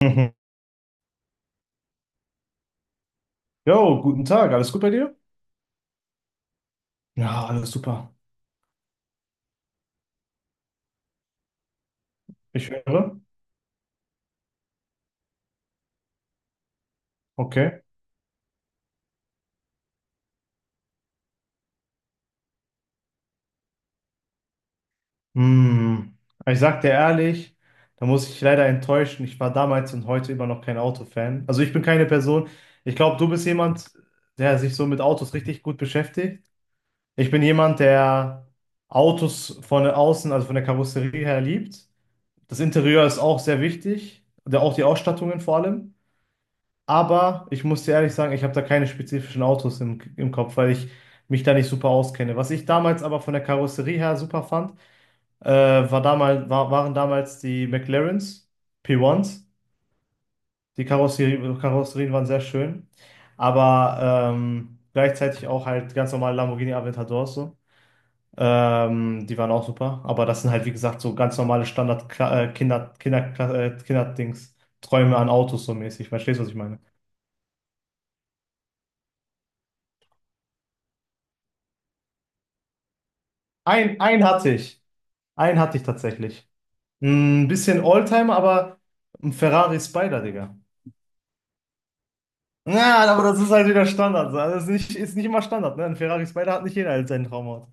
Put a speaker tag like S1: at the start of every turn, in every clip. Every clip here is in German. S1: Mhm. Jo, guten Tag, alles gut bei dir? Ja, alles super. Ich höre. Okay. Hm. Aber ich sag dir ehrlich, da muss ich leider enttäuschen. Ich war damals und heute immer noch kein Autofan. Also ich bin keine Person. Ich glaube, du bist jemand, der sich so mit Autos richtig gut beschäftigt. Ich bin jemand, der Autos von außen, also von der Karosserie her liebt. Das Interieur ist auch sehr wichtig, auch die Ausstattungen vor allem. Aber ich muss dir ehrlich sagen, ich habe da keine spezifischen Autos im Kopf, weil ich mich da nicht super auskenne. Was ich damals aber von der Karosserie her super fand, äh, war damals, waren damals die McLarens P1s. Karosserien waren sehr schön, aber gleichzeitig auch halt ganz normale Lamborghini Aventadors so. Die waren auch super, aber das sind halt wie gesagt so ganz normale Standard Kinderdings, Träume an Autos so mäßig. Verstehst du, was ich meine? Ein hatte ich. Einen hatte ich tatsächlich. Ein bisschen Oldtimer, aber ein Ferrari Spider, Digga. Ja, aber das ist halt wieder Standard. Also das ist nicht immer Standard, ne? Ein Ferrari Spider hat nicht jeder als seinen Traumauto.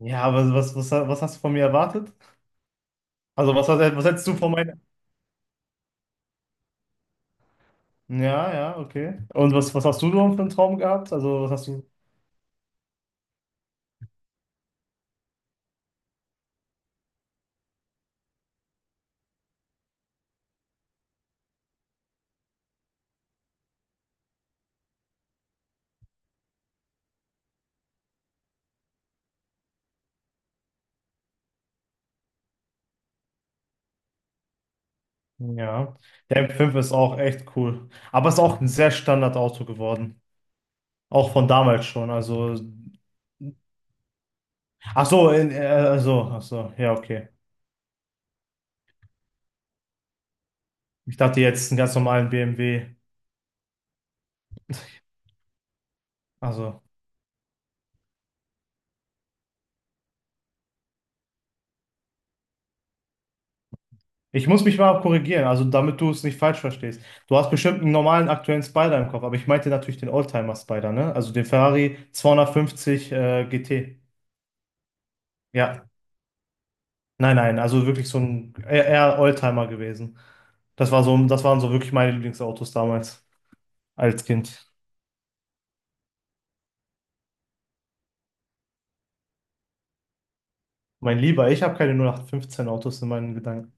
S1: Ja, aber was hast du von mir erwartet? Also, was hättest du von meiner. Ja, ja, okay. Und was hast du denn für einen Traum gehabt? Also, was hast du. Ja. Der M5 ist auch echt cool. Aber ist auch ein sehr Standardauto geworden. Auch von damals schon. Also. Ach so, ach so. Ja, okay. Ich dachte jetzt einen ganz normalen BMW. Also, ich muss mich mal korrigieren, also damit du es nicht falsch verstehst. Du hast bestimmt einen normalen aktuellen Spider im Kopf, aber ich meinte natürlich den Oldtimer Spider, ne? Also den Ferrari 250 GT. Ja, nein, nein, also wirklich so ein eher Oldtimer gewesen. Das waren so wirklich meine Lieblingsautos damals als Kind. Mein Lieber, ich habe keine 0815 Autos in meinen Gedanken.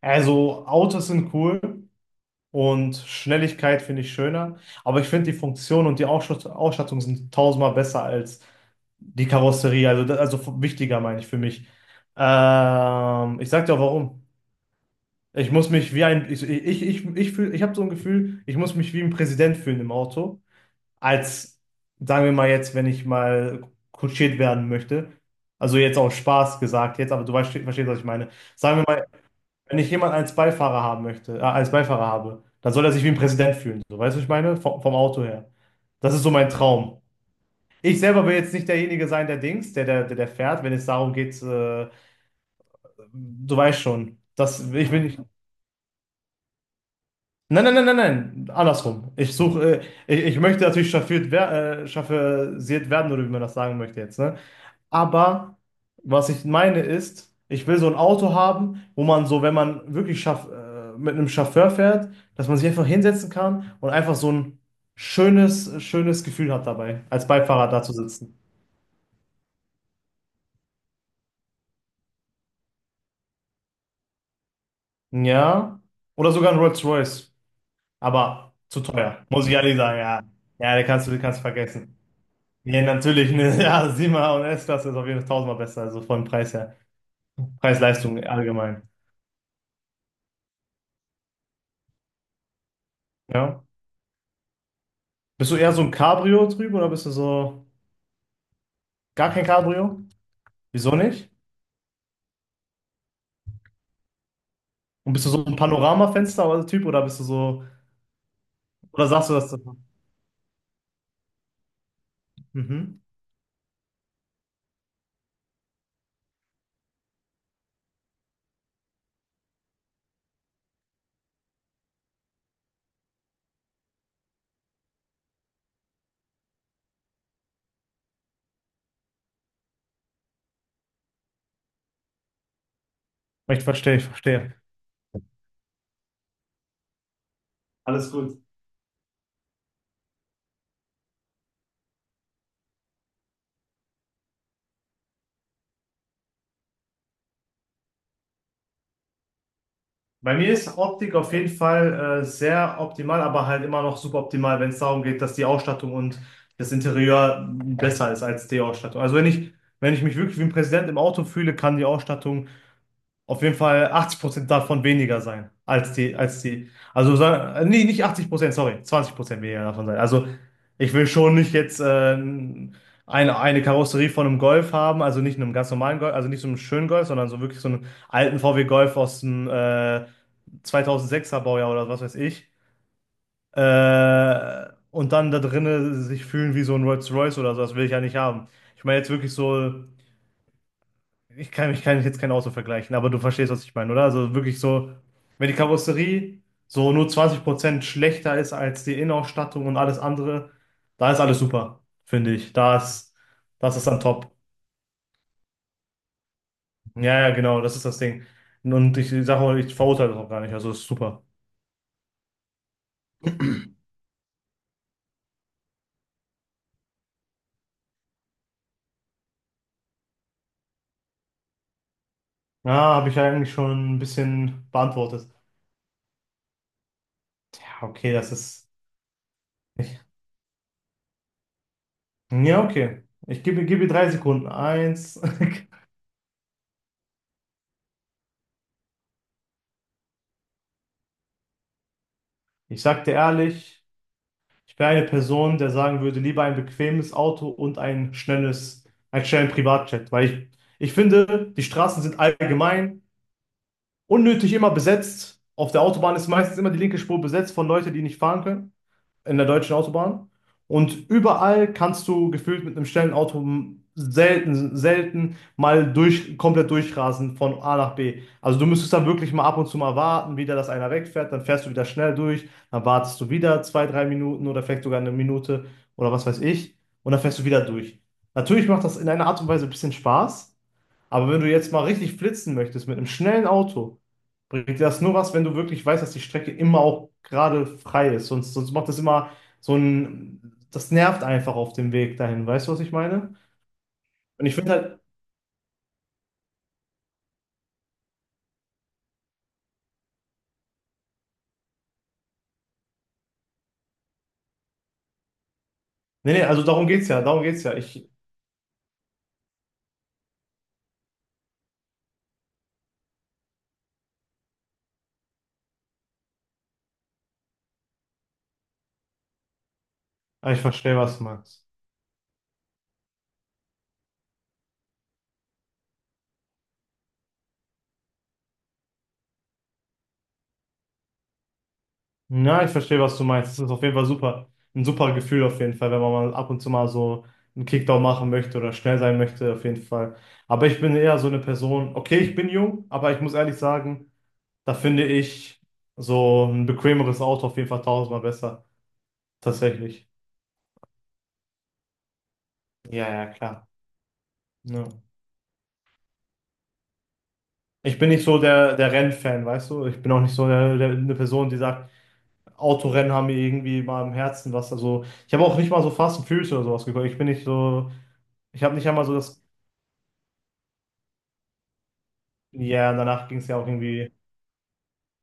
S1: Also, Autos sind cool. Und Schnelligkeit finde ich schöner. Aber ich finde die Funktion und die Ausstattung sind tausendmal besser als die Karosserie. Also, wichtiger meine ich für mich. Ich sag dir auch warum. Ich muss mich wie ein, ich, Ich habe so ein Gefühl, ich muss mich wie ein Präsident fühlen im Auto. Als, Sagen wir mal jetzt, wenn ich mal kutschiert werden möchte. Also jetzt auch Spaß gesagt, jetzt, aber verstehst, was ich meine. Sagen wir mal, wenn ich jemanden als Beifahrer als Beifahrer habe, dann soll er sich wie ein Präsident fühlen. So, weißt du, was ich meine? Vom Auto her. Das ist so mein Traum. Ich selber will jetzt nicht derjenige sein, der Dings, der, der, der, der fährt, wenn es darum geht, du weißt schon, dass ich bin nicht. Nein, nein, nein, nein, nein, andersrum. Ich möchte natürlich chauffiert, chauffiert werden, oder wie man das sagen möchte jetzt, ne? Aber was ich meine ist, ich will so ein Auto haben, wo man so, wenn man wirklich mit einem Chauffeur fährt, dass man sich einfach hinsetzen kann und einfach so ein schönes, schönes Gefühl hat dabei, als Beifahrer da zu sitzen. Ja. Oder sogar ein Rolls-Royce. Aber zu teuer. Muss ich ehrlich sagen, ja. Ja, den kannst du vergessen. Nee, natürlich, ne? Ja, 7er und S-Klasse ist auf jeden Fall tausendmal besser, also vom Preis her. Preis-Leistung allgemein. Ja. Bist du eher so ein Cabrio-Typ oder bist du so. Gar kein Cabrio? Wieso nicht? Und bist du so ein Panoramafenster-Typ oder bist du so, oder sagst du das? Mhm. Ich verstehe, ich verstehe. Alles gut. Bei mir ist Optik auf jeden Fall sehr optimal, aber halt immer noch suboptimal, wenn es darum geht, dass die Ausstattung und das Interieur besser ist als die Ausstattung. Also wenn ich mich wirklich wie ein Präsident im Auto fühle, kann die Ausstattung auf jeden Fall 80% davon weniger sein als die, also sa- nee, nicht 80%, sorry, 20% weniger davon sein. Also ich will schon nicht jetzt eine Karosserie von einem Golf haben, also nicht einem ganz normalen Golf, also nicht so einem schönen Golf, sondern so wirklich so einen alten VW Golf aus dem 2006er Baujahr oder was weiß ich. Und dann da drinnen sich fühlen wie so ein Rolls-Royce oder so, das will ich ja nicht haben. Ich meine jetzt wirklich so. Ich kann jetzt kein Auto vergleichen, aber du verstehst, was ich meine, oder? Also wirklich so, wenn die Karosserie so nur 20% schlechter ist als die Innenausstattung und alles andere, da ist alles super, finde ich. Das ist dann top. Ja, ja, genau, das ist das Ding. Und ich sage auch, ich verurteile das auch gar nicht, also ist super. Ja, habe ich ja eigentlich schon ein bisschen beantwortet. Ja, okay, das ist. Ich, ja, okay. Ich gebe dir drei Sekunden. Eins. Ich sag dir ehrlich. Ich wäre eine Person, der sagen würde, lieber ein bequemes Auto und einen schnellen Privatjet, weil ich finde, die Straßen sind allgemein unnötig immer besetzt. Auf der Autobahn ist meistens immer die linke Spur besetzt von Leuten, die nicht fahren können, in der deutschen Autobahn. Und überall kannst du gefühlt mit einem schnellen Auto selten mal komplett durchrasen von A nach B. Also du müsstest dann wirklich mal ab und zu mal warten, wieder, dass einer wegfährt, dann fährst du wieder schnell durch, dann wartest du wieder zwei, drei Minuten oder vielleicht sogar eine Minute oder was weiß ich und dann fährst du wieder durch. Natürlich macht das in einer Art und Weise ein bisschen Spaß. Aber wenn du jetzt mal richtig flitzen möchtest mit einem schnellen Auto, bringt dir das nur was, wenn du wirklich weißt, dass die Strecke immer auch gerade frei ist. Sonst macht das immer das nervt einfach auf dem Weg dahin. Weißt du, was ich meine? Und ich finde halt, Nee, nee, also darum geht's ja, darum geht's ja. Ich verstehe, was du meinst. Ja, ich verstehe, was du meinst. Das ist auf jeden Fall super. Ein super Gefühl auf jeden Fall, wenn man mal ab und zu mal so einen Kickdown machen möchte oder schnell sein möchte, auf jeden Fall. Aber ich bin eher so eine Person, okay, ich bin jung, aber ich muss ehrlich sagen. Da finde ich so ein bequemeres Auto auf jeden Fall tausendmal besser. Tatsächlich. Ja, ja, klar. Ja. Ich bin nicht so der, Rennfan, weißt du? Ich bin auch nicht so eine Person, die sagt, Autorennen haben mir irgendwie mal im Herzen was. Also, ich habe auch nicht mal so Fast and Furious oder sowas geguckt. Ich bin nicht so, ich habe nicht einmal so das, ja, danach ging es ja auch irgendwie,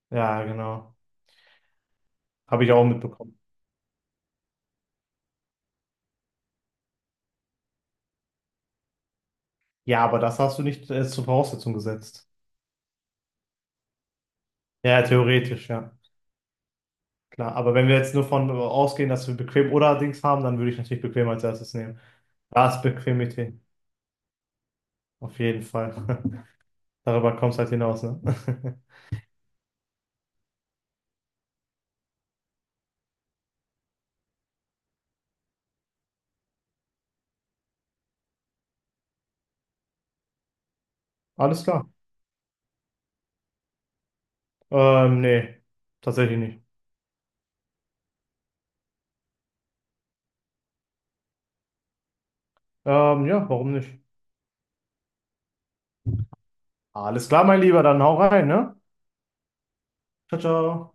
S1: ja, genau. Habe ich auch mitbekommen. Ja, aber das hast du nicht als zur Voraussetzung gesetzt. Ja, theoretisch, ja. Klar, aber wenn wir jetzt nur von ausgehen, dass wir bequem oder Dings haben, dann würde ich natürlich bequem als erstes nehmen. Da ist Bequemity. Auf jeden Fall. Darüber kommt es halt hinaus, ne? Alles klar. Nee, tatsächlich nicht. Ja, warum nicht? Alles klar, mein Lieber, dann hau rein, ne? Ciao, ciao.